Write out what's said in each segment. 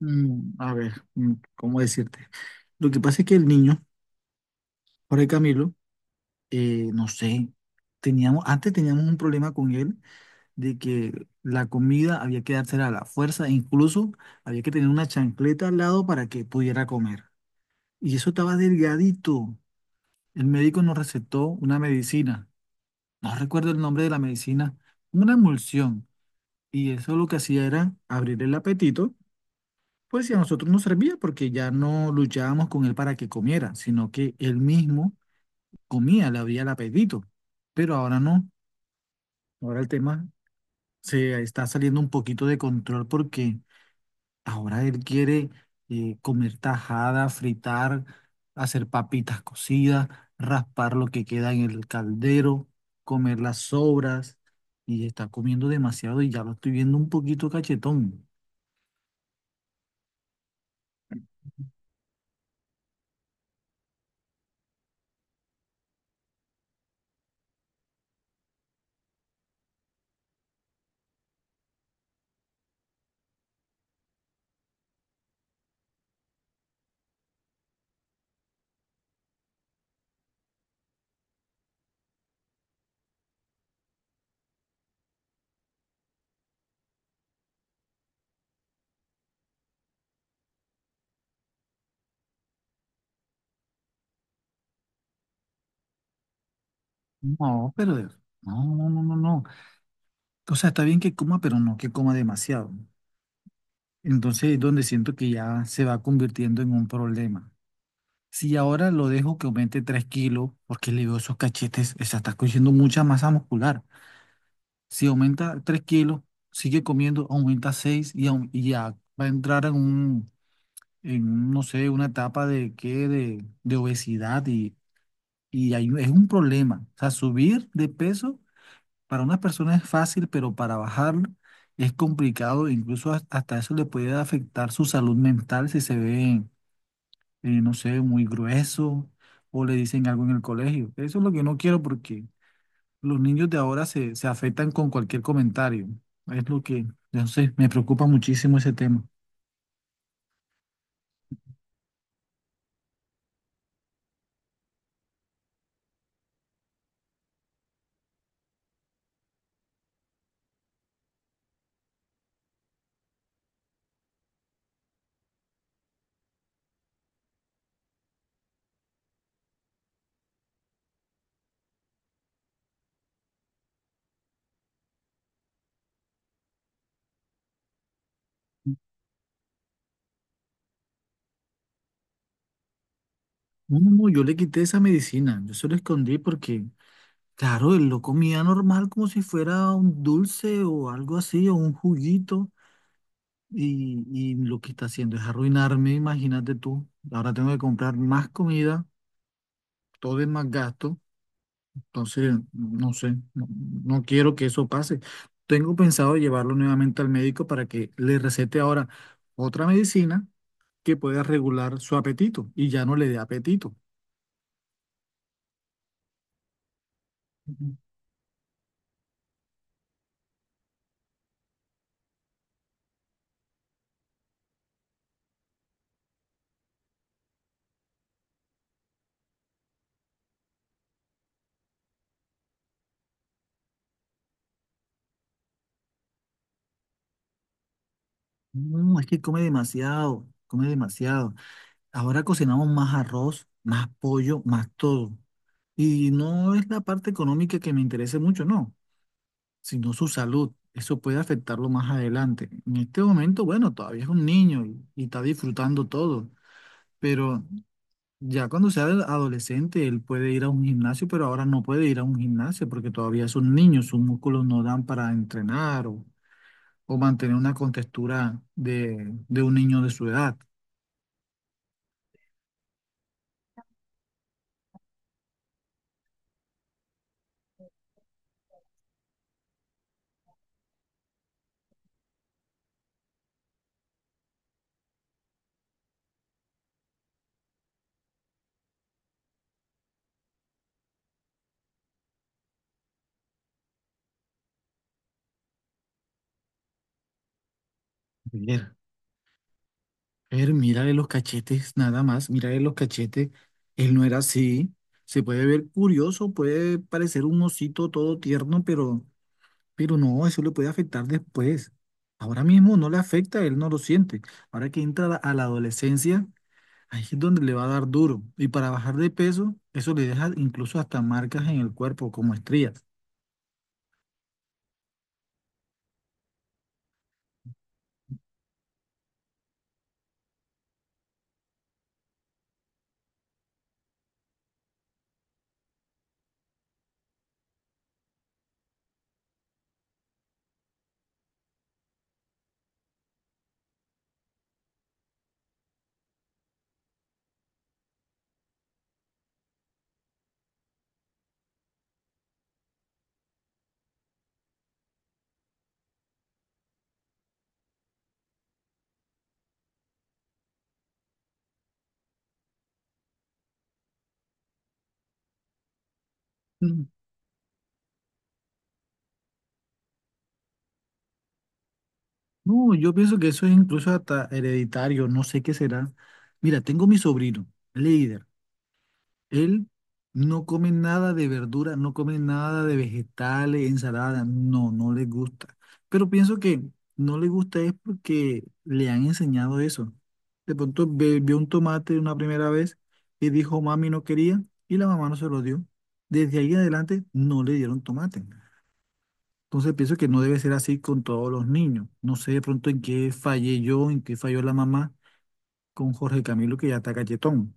¿Cómo decirte? Lo que pasa es que el niño, Jorge Camilo, no sé, antes teníamos un problema con él de que la comida había que dársela a la fuerza, e incluso había que tener una chancleta al lado para que pudiera comer. Y eso estaba delgadito. El médico nos recetó una medicina, no recuerdo el nombre de la medicina, una emulsión. Y eso lo que hacía era abrir el apetito. Pues sí, a nosotros nos servía porque ya no luchábamos con él para que comiera, sino que él mismo comía, le abría el apetito. Pero ahora no, ahora el tema se está saliendo un poquito de control porque ahora él quiere comer tajada, fritar, hacer papitas cocidas, raspar lo que queda en el caldero, comer las sobras, y está comiendo demasiado y ya lo estoy viendo un poquito cachetón. No, pero no, no, no, no, no. O sea, está bien que coma, pero no que coma demasiado, ¿no? Entonces es donde siento que ya se va convirtiendo en un problema. Si ahora lo dejo que aumente 3 kilos, porque le veo esos cachetes, o sea, está cogiendo mucha masa muscular. Si aumenta 3 kilos, sigue comiendo, aumenta 6 y, y ya va a entrar en un, no sé, una etapa de qué, de obesidad, y ahí es un problema. O sea, subir de peso para unas personas es fácil, pero para bajarlo es complicado. Incluso hasta eso le puede afectar su salud mental si se ve, no sé, muy grueso o le dicen algo en el colegio. Eso es lo que no quiero porque los niños de ahora se afectan con cualquier comentario. Es lo que, no sé, me preocupa muchísimo ese tema. No, no, no, yo le quité esa medicina. Yo se lo escondí porque, claro, él lo comía normal como si fuera un dulce o algo así o un juguito. Y lo que está haciendo es arruinarme, imagínate tú. Ahora tengo que comprar más comida, todo es más gasto. Entonces, no sé, no, no quiero que eso pase. Tengo pensado llevarlo nuevamente al médico para que le recete ahora otra medicina que pueda regular su apetito y ya no le dé apetito. Ujú. No, es que come demasiado, come demasiado. Ahora cocinamos más arroz, más pollo, más todo. Y no es la parte económica que me interese mucho, no, sino su salud. Eso puede afectarlo más adelante. En este momento, bueno, todavía es un niño y está disfrutando todo, pero ya cuando sea el adolescente, él puede ir a un gimnasio, pero ahora no puede ir a un gimnasio porque todavía es un niño, sus músculos no dan para entrenar o mantener una contextura de un niño de su edad. Ver, ver, mírale los cachetes, nada más, mírale los cachetes. Él no era así. Se puede ver curioso, puede parecer un osito todo tierno, pero no, eso le puede afectar después. Ahora mismo no le afecta, él no lo siente. Ahora que entra a la adolescencia, ahí es donde le va a dar duro. Y para bajar de peso, eso le deja incluso hasta marcas en el cuerpo, como estrías. Mm, No, yo pienso que eso es incluso hasta hereditario, no sé qué será. Mira, tengo mi sobrino, líder. Él no come nada de verdura, no come nada de vegetales, ensalada, no, no le gusta. Pero pienso que no le gusta es porque le han enseñado eso. De pronto vio un tomate una primera vez y dijo, mami, no quería, y la mamá no se lo dio. Desde ahí en adelante no le dieron tomate. Entonces pienso que no debe ser así con todos los niños. No sé de pronto en qué fallé yo, en qué falló la mamá con Jorge Camilo, que ya está galletón.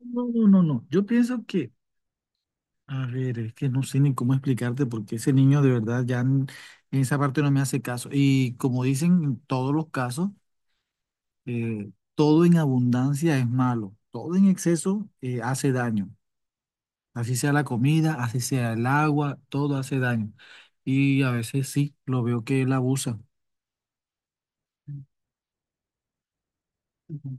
No, no, no, no. Yo pienso que a ver, es que no sé ni cómo explicarte porque ese niño de verdad ya en esa parte no me hace caso. Y como dicen en todos los casos, todo en abundancia es malo, todo en exceso hace daño. Así sea la comida, así sea el agua, todo hace daño. Y a veces sí, lo veo que él abusa. Ujú.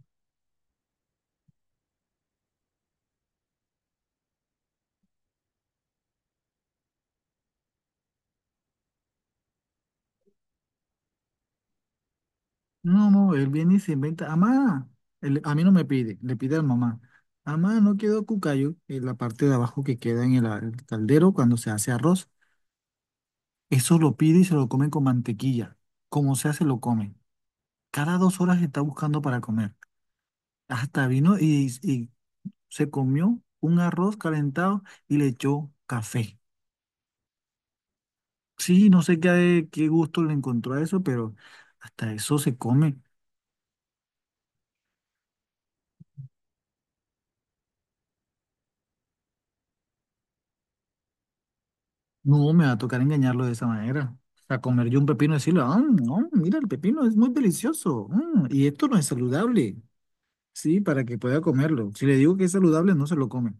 No, no, él viene y se inventa. Amá, a mí no me pide, le pide a mamá. Amá, no quedó cucayo, en la parte de abajo que queda en el, el caldero cuando se hace arroz. Eso lo pide y se lo comen con mantequilla. Como sea, se lo comen. Cada 2 horas está buscando para comer. Hasta vino y se comió un arroz calentado y le echó café. Sí, no sé qué, qué gusto le encontró a eso, pero hasta eso se come. No, me va a tocar engañarlo de esa manera. A comer yo un pepino y decirle, ah, no, mira, el pepino es muy delicioso, y esto no es saludable. Sí, para que pueda comerlo. Si le digo que es saludable, no se lo come.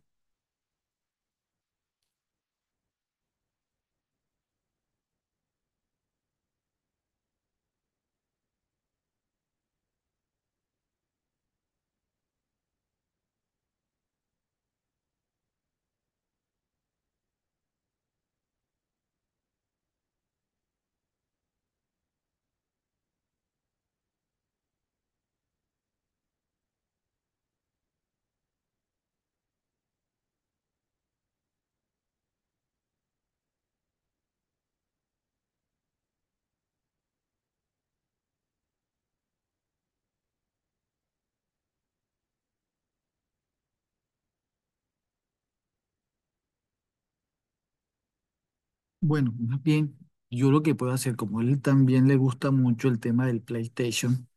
Bueno, más bien, yo lo que puedo hacer, como él también le gusta mucho el tema del PlayStation,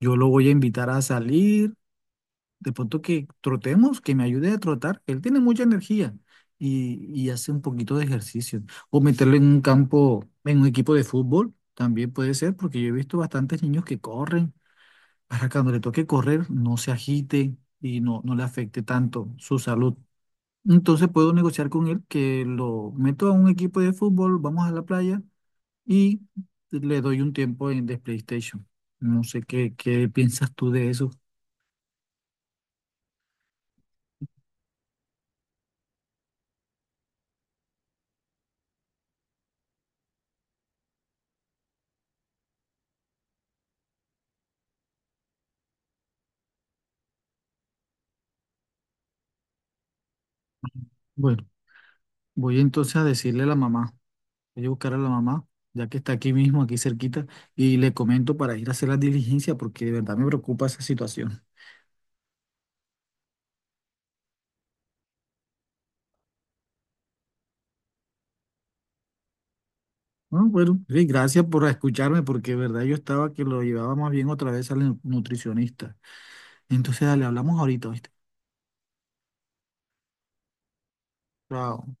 yo lo voy a invitar a salir, de pronto que trotemos, que me ayude a trotar, él tiene mucha energía, y hace un poquito de ejercicio. O meterlo en un campo, en un equipo de fútbol, también puede ser, porque yo he visto bastantes niños que corren, para que cuando le toque correr no se agite y no, no le afecte tanto su salud. Entonces puedo negociar con él que lo meto a un equipo de fútbol, vamos a la playa y le doy un tiempo en de PlayStation. No sé qué, qué piensas tú de eso. Bueno, voy entonces a decirle a la mamá, voy a buscar a la mamá, ya que está aquí mismo, aquí cerquita, y le comento para ir a hacer la diligencia, porque de verdad me preocupa esa situación. Ah, bueno, sí, gracias por escucharme, porque de verdad yo estaba que lo llevaba más bien otra vez al nutricionista. Entonces, dale, hablamos ahorita, ¿viste? Chao.